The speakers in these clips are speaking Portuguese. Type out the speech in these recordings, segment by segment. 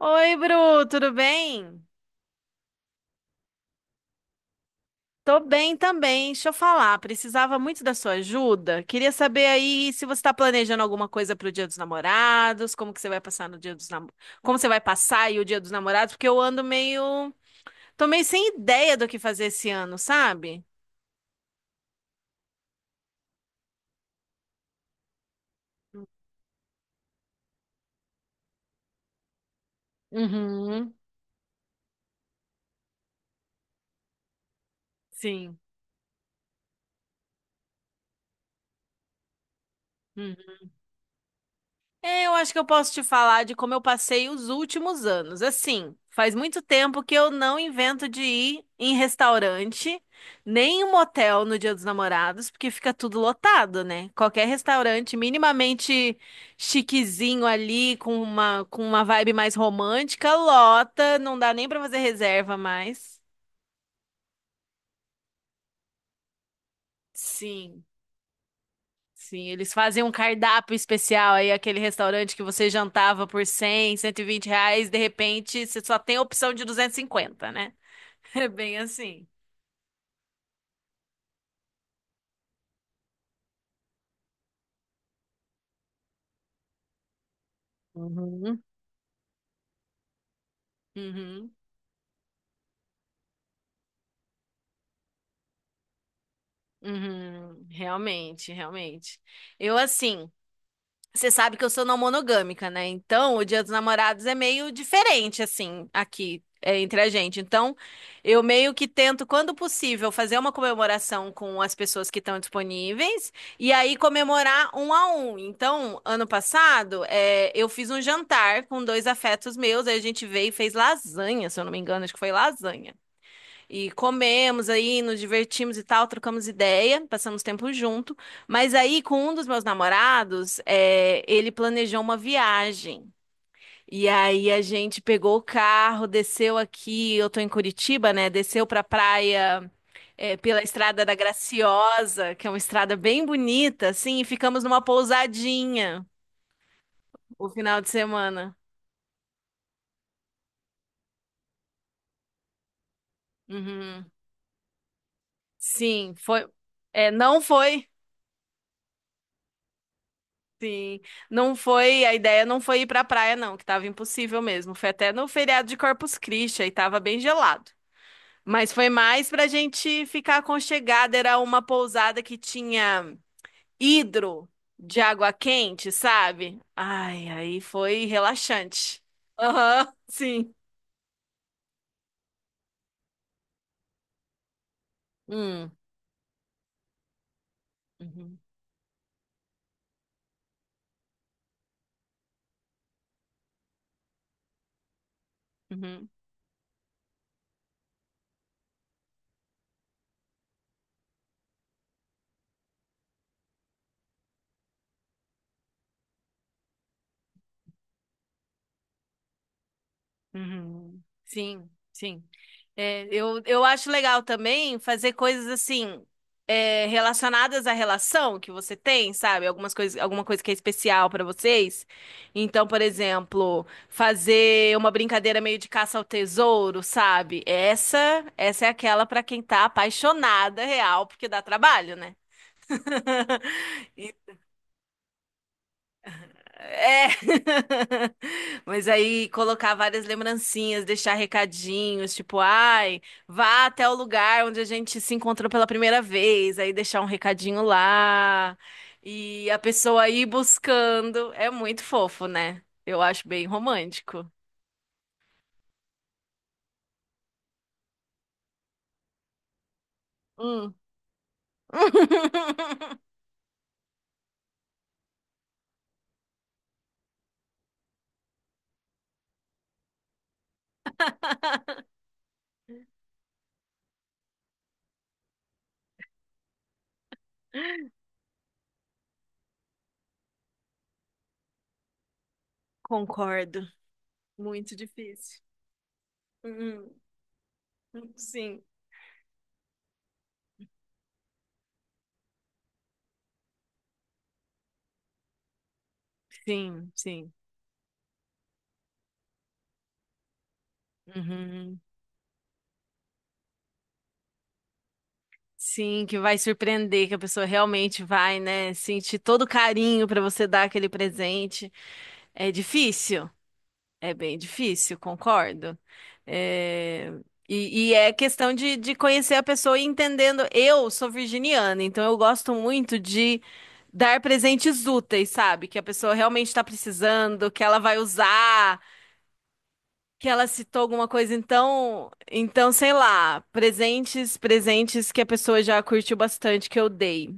Oi, Bru, tudo bem? Tô bem também. Deixa eu falar, precisava muito da sua ajuda. Queria saber aí se você está planejando alguma coisa para o Dia dos Namorados, como que você vai passar no Dia dos Nam... como você vai passar aí o Dia dos Namorados, porque tô meio sem ideia do que fazer esse ano, sabe? Uhum. Sim. É, eu acho que eu posso te falar de como eu passei os últimos anos. Assim, faz muito tempo que eu não invento de ir em restaurante, nem em motel no Dia dos Namorados, porque fica tudo lotado, né? Qualquer restaurante minimamente chiquezinho ali, com uma vibe mais romântica, lota, não dá nem pra fazer reserva mais. Sim. Sim, eles fazem um cardápio especial aí, aquele restaurante que você jantava por 100, R$ 120, de repente você só tem a opção de 250, né? É bem assim. Uhum. Uhum, uhum, realmente, realmente. Eu assim. Você sabe que eu sou não monogâmica, né? Então, o Dia dos Namorados é meio diferente, assim, aqui, é, entre a gente. Então, eu meio que tento, quando possível, fazer uma comemoração com as pessoas que estão disponíveis e aí comemorar um a um. Então, ano passado, é, eu fiz um jantar com dois afetos meus, aí a gente veio e fez lasanha, se eu não me engano, acho que foi lasanha. E comemos aí, nos divertimos e tal, trocamos ideia, passamos tempo junto. Mas aí, com um dos meus namorados, é, ele planejou uma viagem. E aí a gente pegou o carro, desceu aqui, eu tô em Curitiba, né? Desceu pra praia, é, pela Estrada da Graciosa, que é uma estrada bem bonita, assim, e ficamos numa pousadinha o final de semana. Uhum. Sim, foi. É, não foi. Sim, não foi, a ideia não foi ir pra praia não, que tava impossível mesmo. Foi até no feriado de Corpus Christi, aí tava bem gelado. Mas foi mais pra gente ficar aconchegada, era uma pousada que tinha hidro de água quente, sabe? Ai, aí foi relaxante. Aham, sim. Hum. Uhum, uhum. Uhum. Sim, sim. É, eu acho legal também fazer coisas assim, é, relacionadas à relação que você tem, sabe? Alguma coisa que é especial pra vocês. Então, por exemplo, fazer uma brincadeira meio de caça ao tesouro, sabe? Essa é aquela pra quem tá apaixonada real, porque dá trabalho, né? É. Mas aí colocar várias lembrancinhas, deixar recadinhos, tipo, ai, vá até o lugar onde a gente se encontrou pela primeira vez, aí deixar um recadinho lá. E a pessoa ir buscando. É muito fofo, né? Eu acho bem romântico. Hum. Concordo. Muito difícil. Uhum. Sim. Sim, sim. Uhum. Sim, que vai surpreender, que a pessoa realmente vai, né, sentir todo o carinho para você dar aquele presente. É difícil, é bem difícil, concordo. É, e é questão de conhecer a pessoa e entendendo. Eu sou virginiana, então eu gosto muito de dar presentes úteis, sabe? Que a pessoa realmente está precisando, que ela vai usar, que ela citou alguma coisa. Então, sei lá, presentes, presentes que a pessoa já curtiu bastante que eu dei.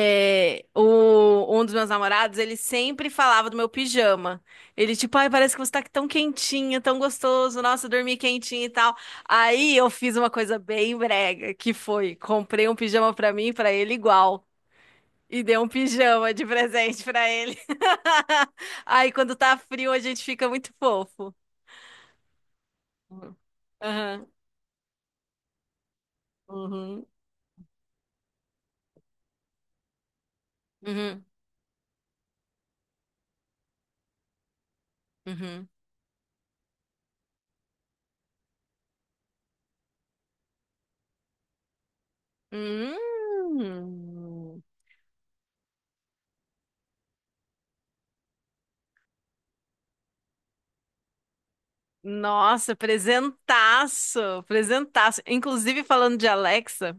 É, um dos meus namorados, ele sempre falava do meu pijama. Ele, tipo, ai, parece que você tá tão quentinha, tão gostoso, nossa, dormi quentinha e tal. Aí eu fiz uma coisa bem brega, que foi, comprei um pijama pra mim e pra ele igual. E dei um pijama de presente pra ele. Aí quando tá frio, a gente fica muito fofo. Aham. Uhum. Uhum, uhum. Hum. Nossa, presentaço, presentaço. Inclusive, falando de Alexa,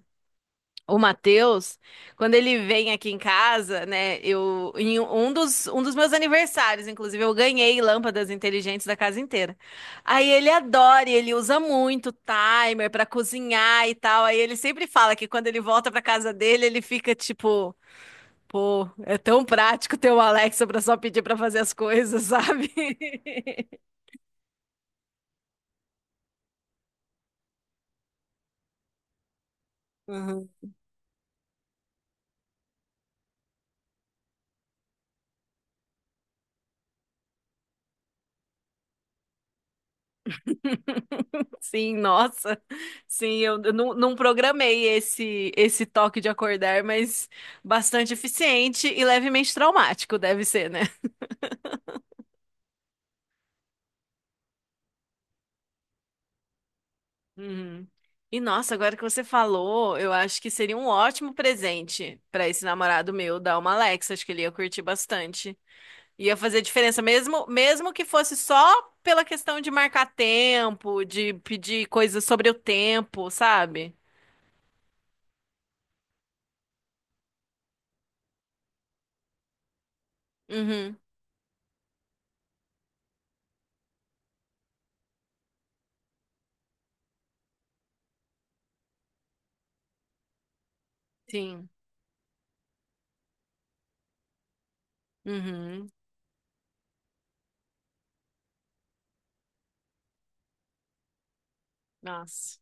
o Matheus, quando ele vem aqui em casa, né, eu, em um dos meus aniversários, inclusive, eu ganhei lâmpadas inteligentes da casa inteira. Aí ele adora, e ele usa muito timer para cozinhar e tal. Aí ele sempre fala que quando ele volta para casa dele, ele fica tipo, pô, é tão prático ter o Alexa para só pedir para fazer as coisas, sabe? Sim, nossa. Sim, eu não, não programei esse toque de acordar, mas bastante eficiente e levemente traumático deve ser, né? Uhum. E nossa, agora que você falou, eu acho que seria um ótimo presente pra esse namorado meu dar uma Alexa, acho que ele ia curtir bastante. Ia fazer diferença mesmo, mesmo que fosse só pela questão de marcar tempo, de pedir coisas sobre o tempo, sabe? Uhum. Sim. Uhum. Nossa.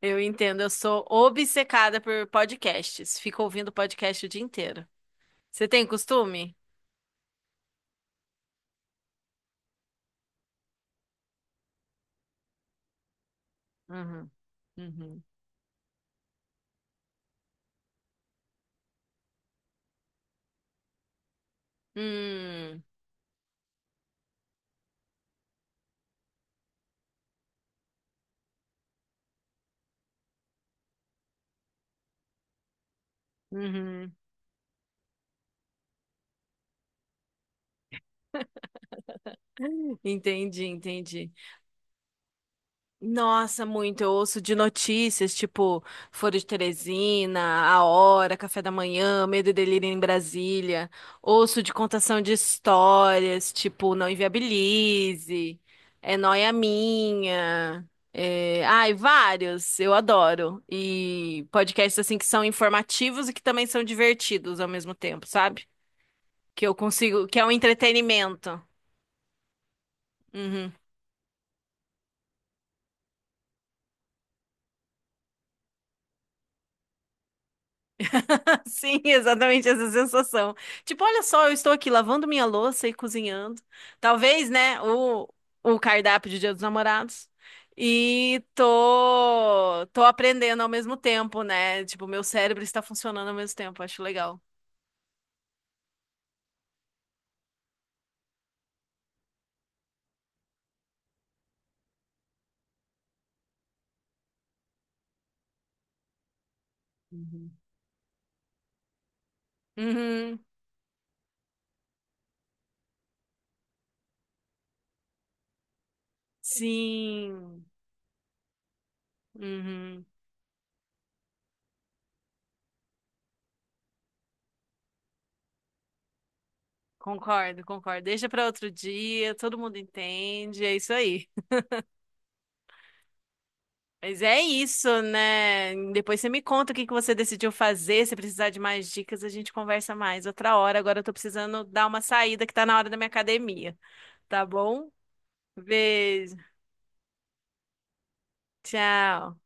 Eu entendo, eu, sou obcecada por podcasts. Fico ouvindo podcast o dia inteiro. Você tem costume? Uhum. Uhum. Hum, uhum. Entendi, entendi. Nossa, muito. Eu ouço de notícias, tipo Foro de Teresina, A Hora, Café da Manhã, Medo e Delírio em Brasília. Ouço de contação de histórias, tipo Não Inviabilize, É Nóia Minha. É... Ai, vários. Eu adoro. E podcasts assim que são informativos e que também são divertidos ao mesmo tempo, sabe? Que eu consigo, que é um entretenimento. Uhum. Sim, exatamente essa sensação. Tipo, olha só, eu estou aqui lavando minha louça e cozinhando. Talvez, né, o cardápio de Dia dos Namorados. E tô aprendendo ao mesmo tempo, né? Tipo, meu cérebro está funcionando ao mesmo tempo. Acho legal. Uhum. Uhum, sim. Uhum, concordo, concordo. Deixa para outro dia, todo mundo entende. É isso aí. Mas é isso, né? Depois você me conta o que que você decidiu fazer. Se precisar de mais dicas, a gente conversa mais outra hora. Agora eu tô precisando dar uma saída que tá na hora da minha academia, tá bom? Beijo. Tchau.